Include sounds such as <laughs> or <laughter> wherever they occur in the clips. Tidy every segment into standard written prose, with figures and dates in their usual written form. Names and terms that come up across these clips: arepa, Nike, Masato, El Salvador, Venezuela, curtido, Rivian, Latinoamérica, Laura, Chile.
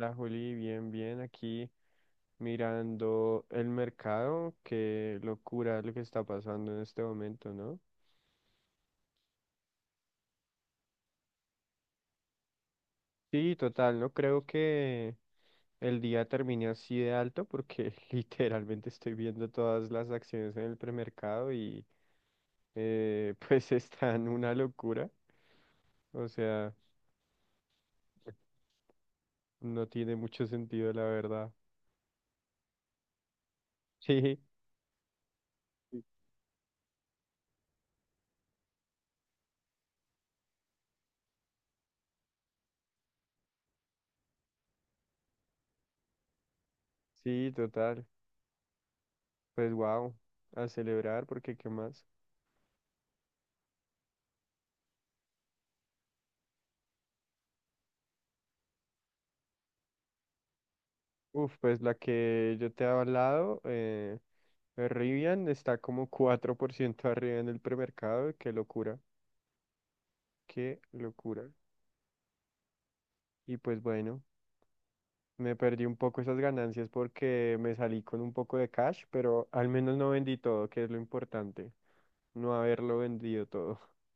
La Juli, bien, bien, aquí mirando el mercado, qué locura lo que está pasando en este momento, ¿no? Sí, total, no creo que el día termine así de alto porque <laughs> literalmente estoy viendo todas las acciones en el premercado y pues <laughs> están una locura, o sea, no tiene mucho sentido la verdad. <laughs> Sí, sí, total, pues wow, a celebrar porque ¿qué más? Uf, pues la que yo te he hablado. Rivian está como 4% arriba en el premercado. Qué locura, qué locura. Y pues bueno, me perdí un poco esas ganancias porque me salí con un poco de cash, pero al menos no vendí todo, que es lo importante, no haberlo vendido todo. <laughs>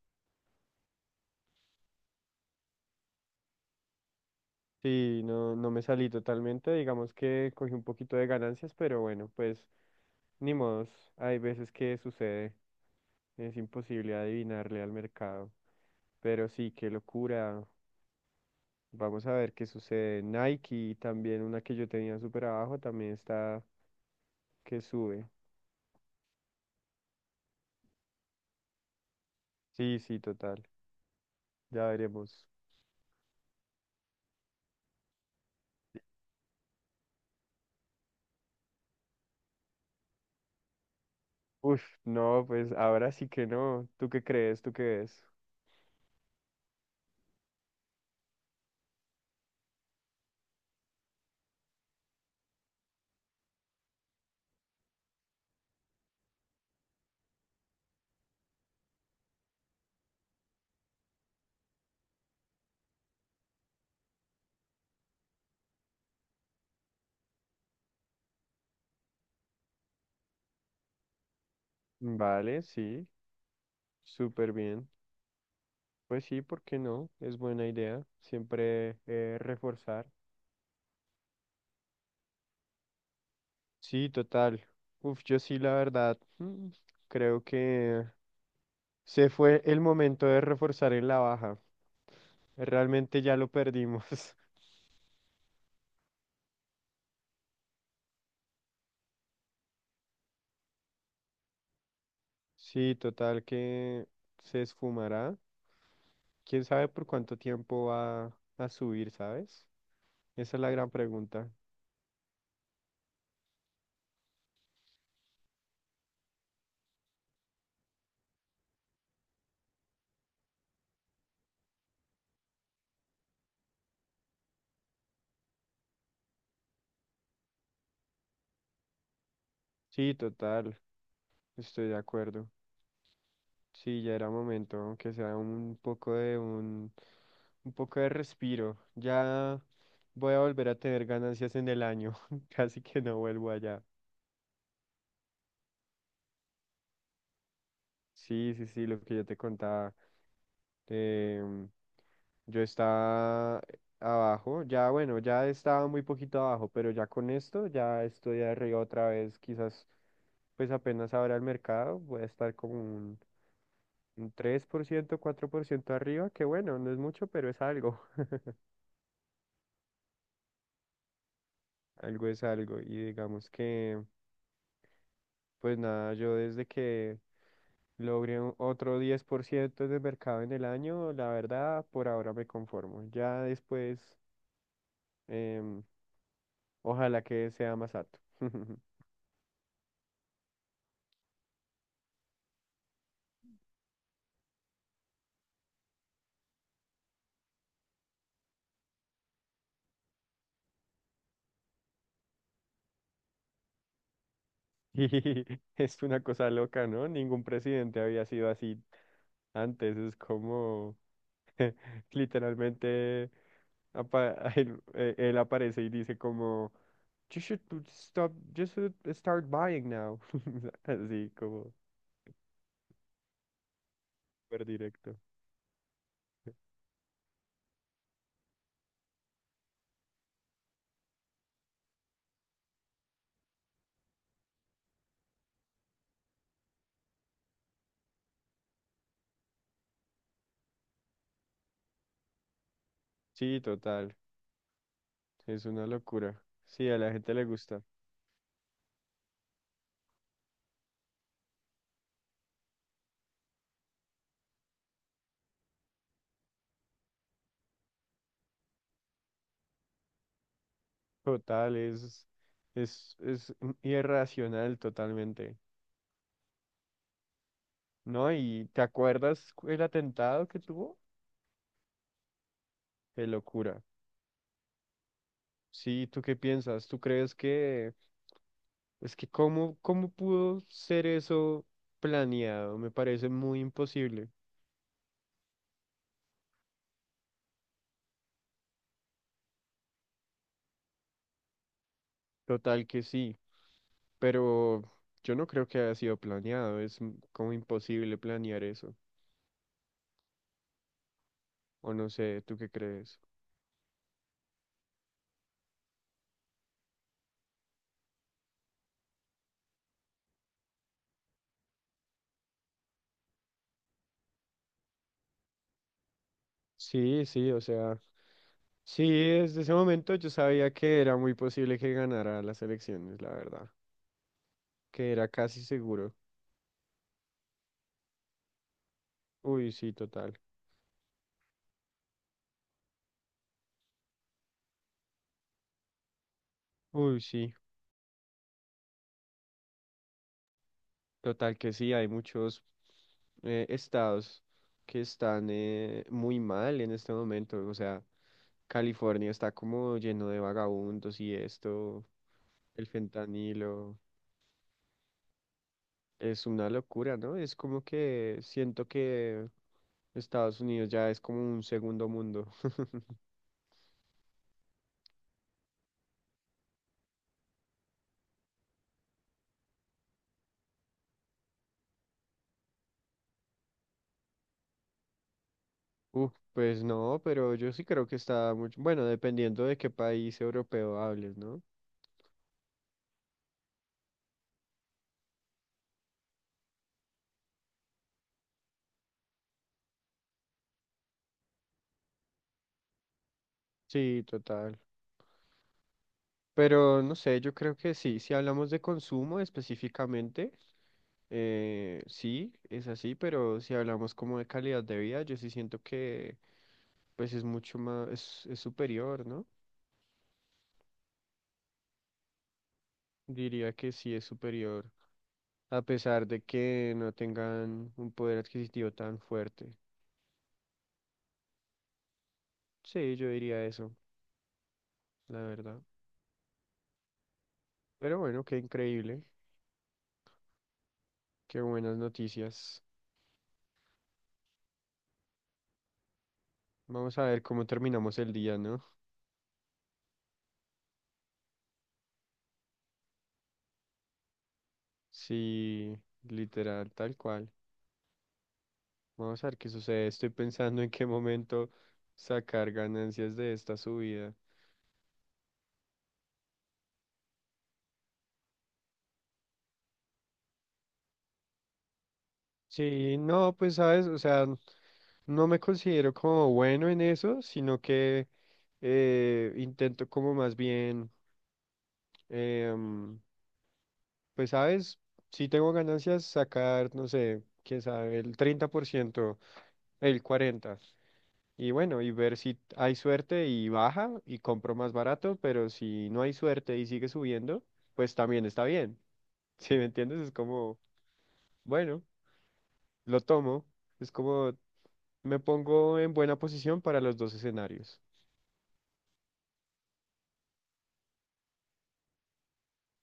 Sí, no, no me salí totalmente, digamos que cogí un poquito de ganancias, pero bueno, pues ni modos, hay veces que sucede, es imposible adivinarle al mercado. Pero sí, qué locura. Vamos a ver qué sucede. Nike, también una que yo tenía súper abajo, también está que sube. Sí, sí, total. Ya veremos. Uf, no, pues ahora sí que no. ¿Tú qué crees? ¿Tú qué ves? Vale, sí, súper bien. Pues sí, ¿por qué no? Es buena idea. Siempre reforzar. Sí, total. Uf, yo sí, la verdad, creo que se fue el momento de reforzar en la baja. Realmente ya lo perdimos. <laughs> Sí, total que se esfumará. ¿Quién sabe por cuánto tiempo va a subir, sabes? Esa es la gran pregunta. Sí, total, estoy de acuerdo. Sí, ya era momento, aunque sea un poco de un poco de respiro. Ya voy a volver a tener ganancias en el año. <laughs> Casi que no vuelvo allá. Sí, sí, sí, lo que yo te contaba. Em, yo estaba abajo, ya bueno, ya estaba muy poquito abajo, pero ya con esto ya estoy arriba otra vez, quizás pues apenas ahora el mercado, voy a estar como un 3% 4% arriba, que bueno, no es mucho, pero es algo, <laughs> algo es algo. Y digamos que, pues nada, yo desde que logré otro 10% de mercado en el año, la verdad, por ahora me conformo. Ya después... em, ojalá que sea Masato. <laughs> Y <laughs> es una cosa loca, ¿no? Ningún presidente había sido así antes. Es como <laughs> literalmente <laughs> él aparece y dice como you should to stop, you should start buying now. <laughs> Así como súper directo. Sí, total. Es una locura. Sí, a la gente le gusta. Total, es irracional totalmente. ¿No? ¿Y te acuerdas el atentado que tuvo? Qué locura. Sí, ¿tú qué piensas? ¿Tú crees que es que cómo pudo ser eso planeado? Me parece muy imposible. Total que sí, pero yo no creo que haya sido planeado. Es como imposible planear eso. O no sé, ¿tú qué crees? Sí, sí, o sea, sí, desde ese momento yo sabía que era muy posible que ganara las elecciones, la verdad, que era casi seguro. Uy, sí, total. Uy, sí. Total que sí, hay muchos estados que están muy mal en este momento. O sea, California está como lleno de vagabundos y esto, el fentanilo, es una locura, ¿no? Es como que siento que Estados Unidos ya es como un segundo mundo. <laughs> Pues no, pero yo sí creo que está mucho, bueno, dependiendo de qué país europeo hables, ¿no? Sí, total. Pero no sé, yo creo que sí, si hablamos de consumo específicamente. Sí, es así, pero si hablamos como de calidad de vida, yo sí siento que pues es mucho más, es superior, ¿no? Diría que sí es superior, a pesar de que no tengan un poder adquisitivo tan fuerte. Sí, yo diría eso, la verdad. Pero bueno, qué increíble, qué buenas noticias. Vamos a ver cómo terminamos el día, ¿no? Sí, literal, tal cual. Vamos a ver qué sucede. Estoy pensando en qué momento sacar ganancias de esta subida. Sí, no, pues sabes, o sea, no me considero como bueno en eso, sino que intento como más bien, em, pues sabes, si tengo ganancias, sacar, no sé, quién sabe, el 30% el 40%, y bueno, y ver si hay suerte y baja y compro más barato, pero si no hay suerte y sigue subiendo, pues también está bien. <laughs> ¿Sí me entiendes? Es como, bueno, lo tomo. Es como me pongo en buena posición para los dos escenarios.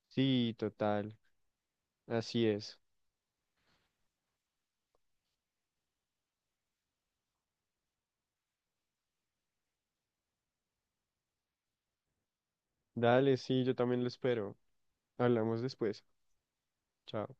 Sí, total. Así es. Dale, sí, yo también lo espero. Hablamos después. Chao.